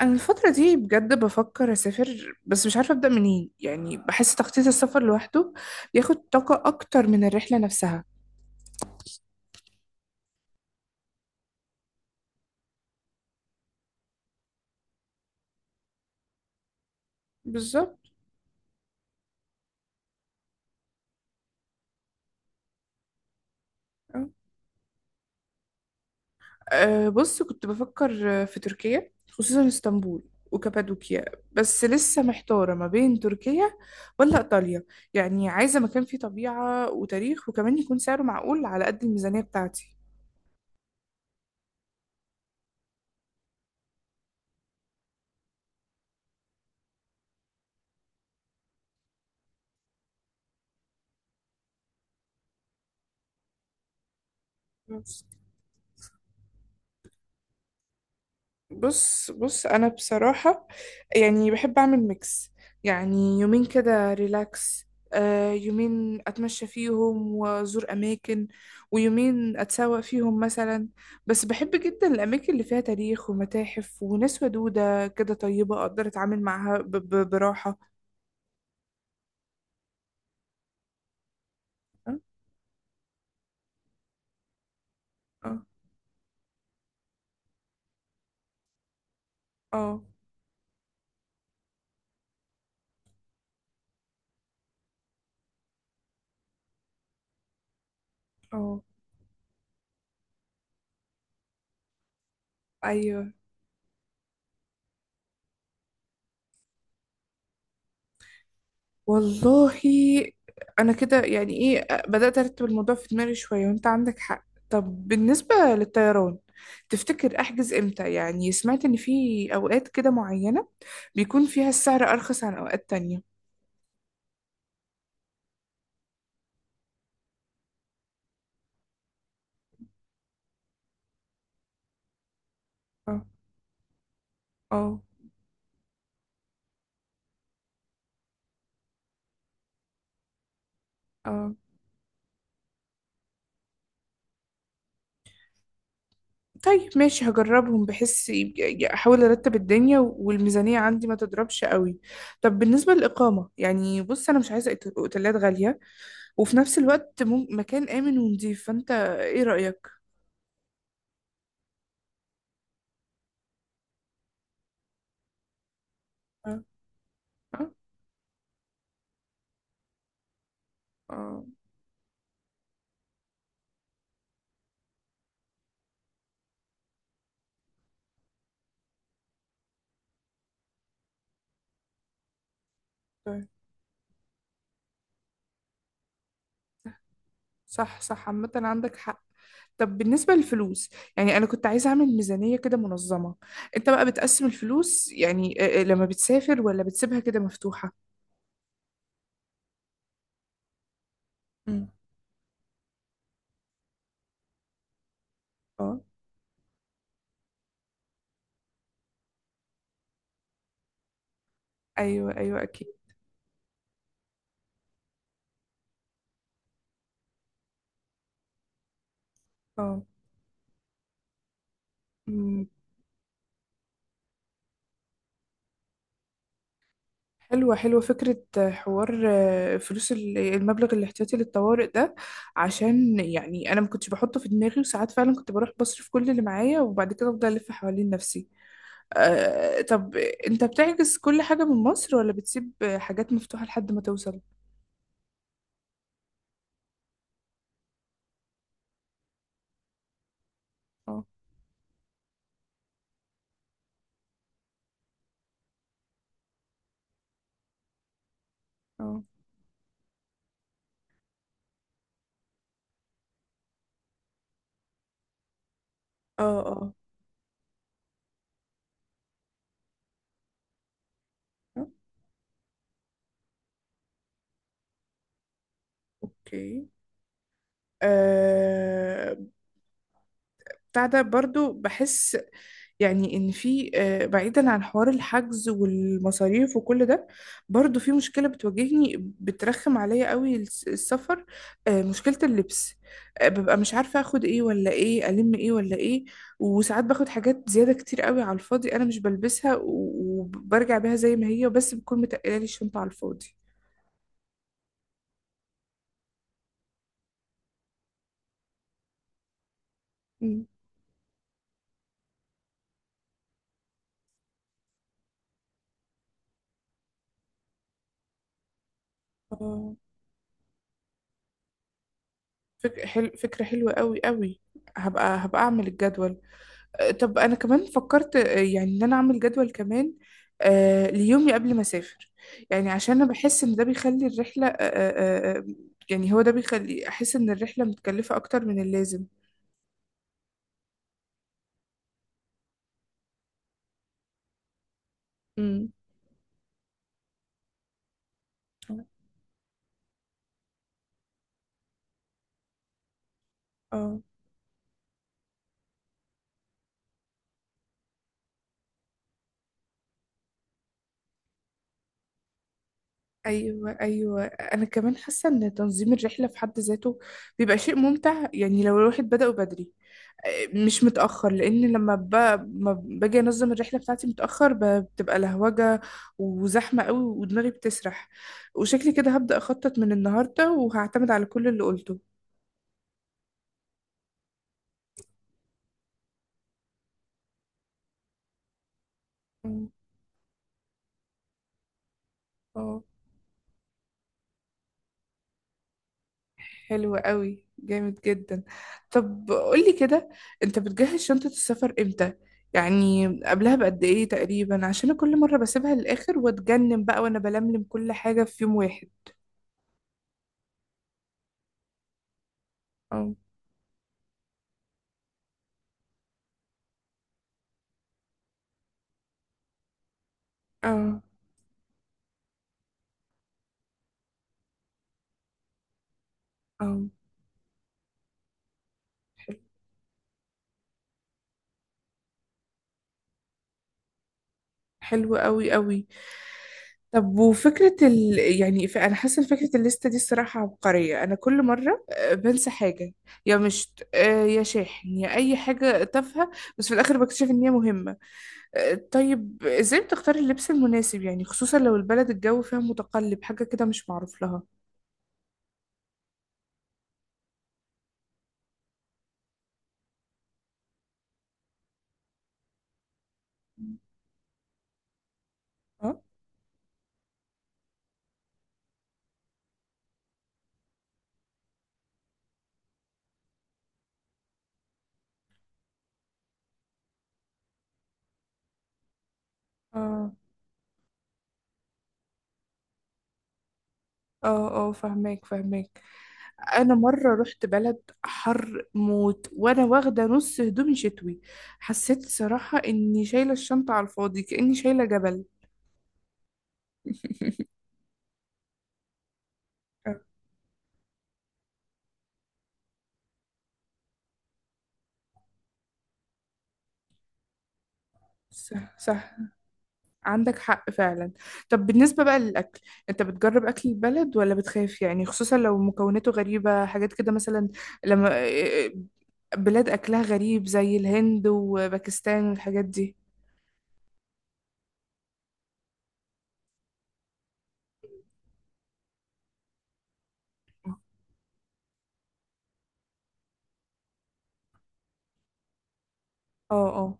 انا الفتره دي بجد بفكر اسافر، بس مش عارفه ابدا منين. يعني بحس تخطيط السفر لوحده بياخد طاقه اكتر من الرحله نفسها. بالظبط. أه. أه، بص كنت بفكر في تركيا، خصوصا اسطنبول وكابادوكيا. بس لسه محتاره ما بين تركيا ولا ايطاليا. يعني عايزه مكان فيه طبيعه وتاريخ، وكمان يكون سعره معقول على قد الميزانيه بتاعتي. بص بص انا بصراحة، يعني بحب اعمل ميكس. يعني يومين كده ريلاكس، يومين اتمشى فيهم وازور اماكن، ويومين اتسوق فيهم مثلا. بس بحب جدا الاماكن اللي فيها تاريخ ومتاحف وناس ودودة كده طيبة، اقدر اتعامل معاها براحة. اه. اه. اه. آه. ايوه. والله انا كده يعني ايه، بدأت ارتب الموضوع في دماغي شوية، وانت عندك حق. طب بالنسبة للطيران، تفتكر احجز امتى؟ يعني سمعت ان في اوقات كده معينة بيكون فيها السعر ارخص عن اوقات تانية. اه. اه. اه. طيب، ماشي، هجربهم. بحس احاول ارتب الدنيا والميزانية عندي ما تضربش قوي. طب بالنسبة للإقامة، يعني بص انا مش عايزة اوتيلات غالية، وفي نفس الوقت مكان آمن ونضيف. فانت ايه رأيك؟ اه. آه. اه. طيب. صح، صح، عامة عندك حق. طب بالنسبة للفلوس، يعني أنا كنت عايزة أعمل ميزانية كده منظمة. أنت بقى بتقسم الفلوس، يعني لما بتسافر ولا بتسيبها كده مفتوحة؟ مم. اه. أيوه، أيوه، أكيد. اه. أمم. حلوة، حلوة فكرة حوار فلوس المبلغ الاحتياطي للطوارئ ده. عشان يعني أنا ما كنتش بحطه في دماغي، وساعات فعلا كنت بروح بصرف كل اللي معايا، وبعد كده أفضل ألف حوالين نفسي. طب انت بتعكس كل حاجة من مصر، ولا بتسيب حاجات مفتوحة لحد ما توصل؟ اه. اه. اه. اه. اوكي. آه، بتاع ده برضو بحس يعني ان في، بعيدا عن حوار الحجز والمصاريف وكل ده، برضو في مشكلة بتواجهني بترخم عليا قوي السفر. مشكلة اللبس. ببقى مش عارفة اخد ايه، ولا ايه الم ايه، ولا ايه. وساعات باخد حاجات زيادة كتير قوي على الفاضي، انا مش بلبسها وبرجع بيها زي ما هي، بس بتكون متقلة لي الشنطة على الفاضي. مم. آه، فكرة حلوة قوي قوي. هبقى اعمل الجدول. طب انا كمان فكرت يعني ان انا اعمل جدول كمان ليومي قبل ما اسافر. يعني عشان انا بحس ان ده بيخلي الرحله يعني هو ده بيخلي احس ان الرحله متكلفه اكتر من اللازم. امم. اه. ايوه، ايوه، انا كمان حاسه ان تنظيم الرحله في حد ذاته بيبقى شيء ممتع. يعني لو الواحد بدأه بدري، مش متأخر. لأن لما ما باجي أنظم الرحلة بتاعتي متأخر بتبقى لهوجة وزحمة قوي، ودماغي بتسرح. وشكلي كده هبدأ أخطط من النهاردة، وهعتمد على كل اللي قلته. مم. اه. حلو قوي، جامد جدا. طب قولي كده، أنت بتجهز شنطة السفر إمتى؟ يعني قبلها بقد إيه تقريبا؟ عشان أنا كل مرة بسيبها للآخر، وأتجنن بقى وأنا بلملم كل حاجة في يوم واحد. اه. اه. اه. حلو، حلو قوي قوي. طب وفكرة يعني أنا حاسة إن فكرة الليستة دي الصراحة عبقرية. أنا كل مرة بنسى حاجة. يا مشت يا شاحن، يا أي حاجة تافهة. بس في الآخر بكتشف إن هي مهمة. طيب إزاي بتختار اللبس المناسب؟ يعني خصوصا لو البلد الجو فيها متقلب، حاجة كده مش معروف لها. اه. اه. اه. اه. فهماك، فهماك. انا مره رحت بلد حر موت، وانا واخده نص هدومي شتوي. حسيت صراحه اني شايله الشنطه على الفاضي، كاني شايله جبل. أه، صح، صح، عندك حق فعلا. طب بالنسبة بقى للأكل، أنت بتجرب أكل البلد ولا بتخاف؟ يعني خصوصا لو مكوناته غريبة، حاجات كده مثلا. لما بلاد أكلها غريب زي الهند وباكستان والحاجات دي. اه. اه.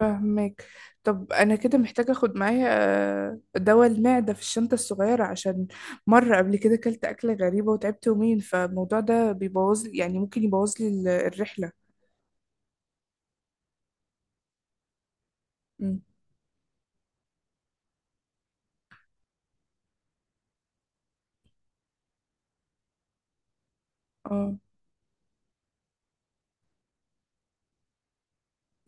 فاهمك. طب أنا كده محتاجة أخد معايا دواء المعدة في الشنطة الصغيرة. عشان مرة قبل كده أكلت أكلة غريبة وتعبت يومين. فالموضوع ده بيبوظ، يعني ممكن يبوظ لي الرحلة. مم. اه.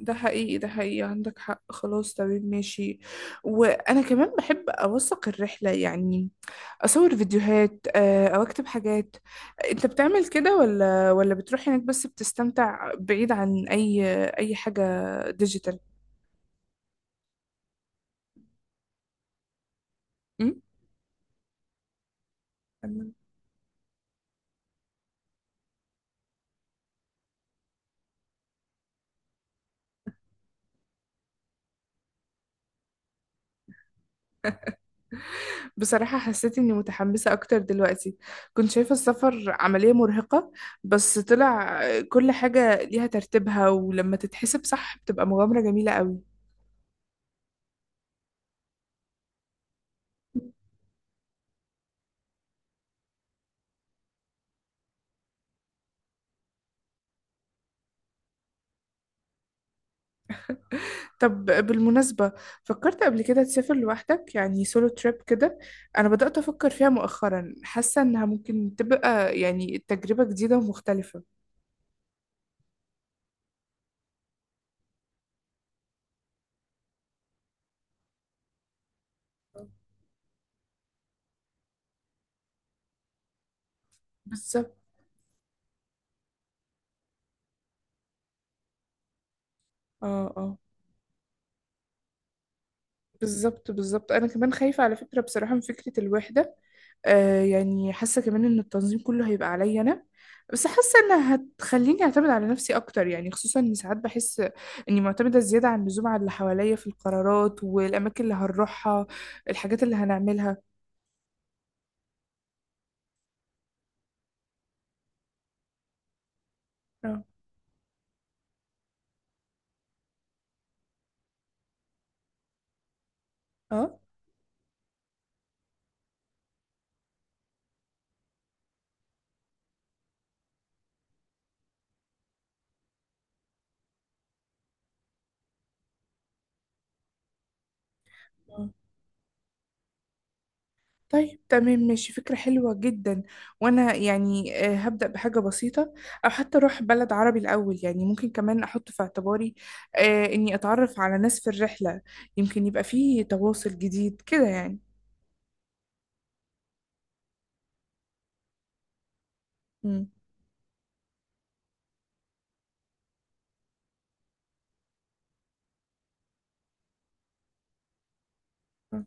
ده حقيقي، ده حقيقي، عندك حق. خلاص تمام ماشي. وانا كمان بحب اوثق الرحله، يعني اصور فيديوهات او اكتب حاجات. انت بتعمل كده ولا بتروح هناك بس بتستمتع بعيد عن اي حاجه ديجيتال؟ أم؟ تمام. بصراحة حسيت إني متحمسة أكتر دلوقتي. كنت شايفة السفر عملية مرهقة، بس طلع كل حاجة ليها ترتيبها، ولما تتحسب صح بتبقى مغامرة جميلة قوي. طب بالمناسبة، فكرت قبل كده تسافر لوحدك؟ يعني سولو تريب كده. أنا بدأت أفكر فيها مؤخرا، حاسة إنها ممكن تبقى يعني تجربة جديدة ومختلفة. بالظبط. اه. اه. بالظبط، بالظبط، أنا كمان خايفة على فكرة بصراحة من فكرة الوحدة. يعني حاسة كمان إن التنظيم كله هيبقى عليا أنا. بس حاسة إنها هتخليني أعتمد على نفسي أكتر، يعني خصوصا إن ساعات بحس إني معتمدة زيادة عن اللزوم على اللي حواليا في القرارات والأماكن اللي هنروحها، الحاجات اللي هنعملها. اه. آه. طيب تمام ماشي، فكرة حلوة جدا. وانا يعني هبدأ بحاجة بسيطة، او حتى اروح بلد عربي الاول. يعني ممكن كمان احط في اعتباري اني اتعرف على ناس في الرحلة. يمكن يبقى فيه تواصل جديد كده يعني. مم. آه.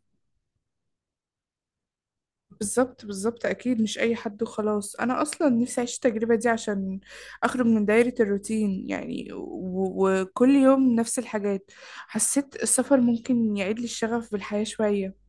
بالظبط، بالظبط، اكيد مش اي حد وخلاص. انا اصلا نفسي اعيش التجربة دي عشان اخرج من دايرة الروتين. يعني وكل يوم نفس الحاجات، حسيت السفر ممكن يعيد لي الشغف بالحياة شوية.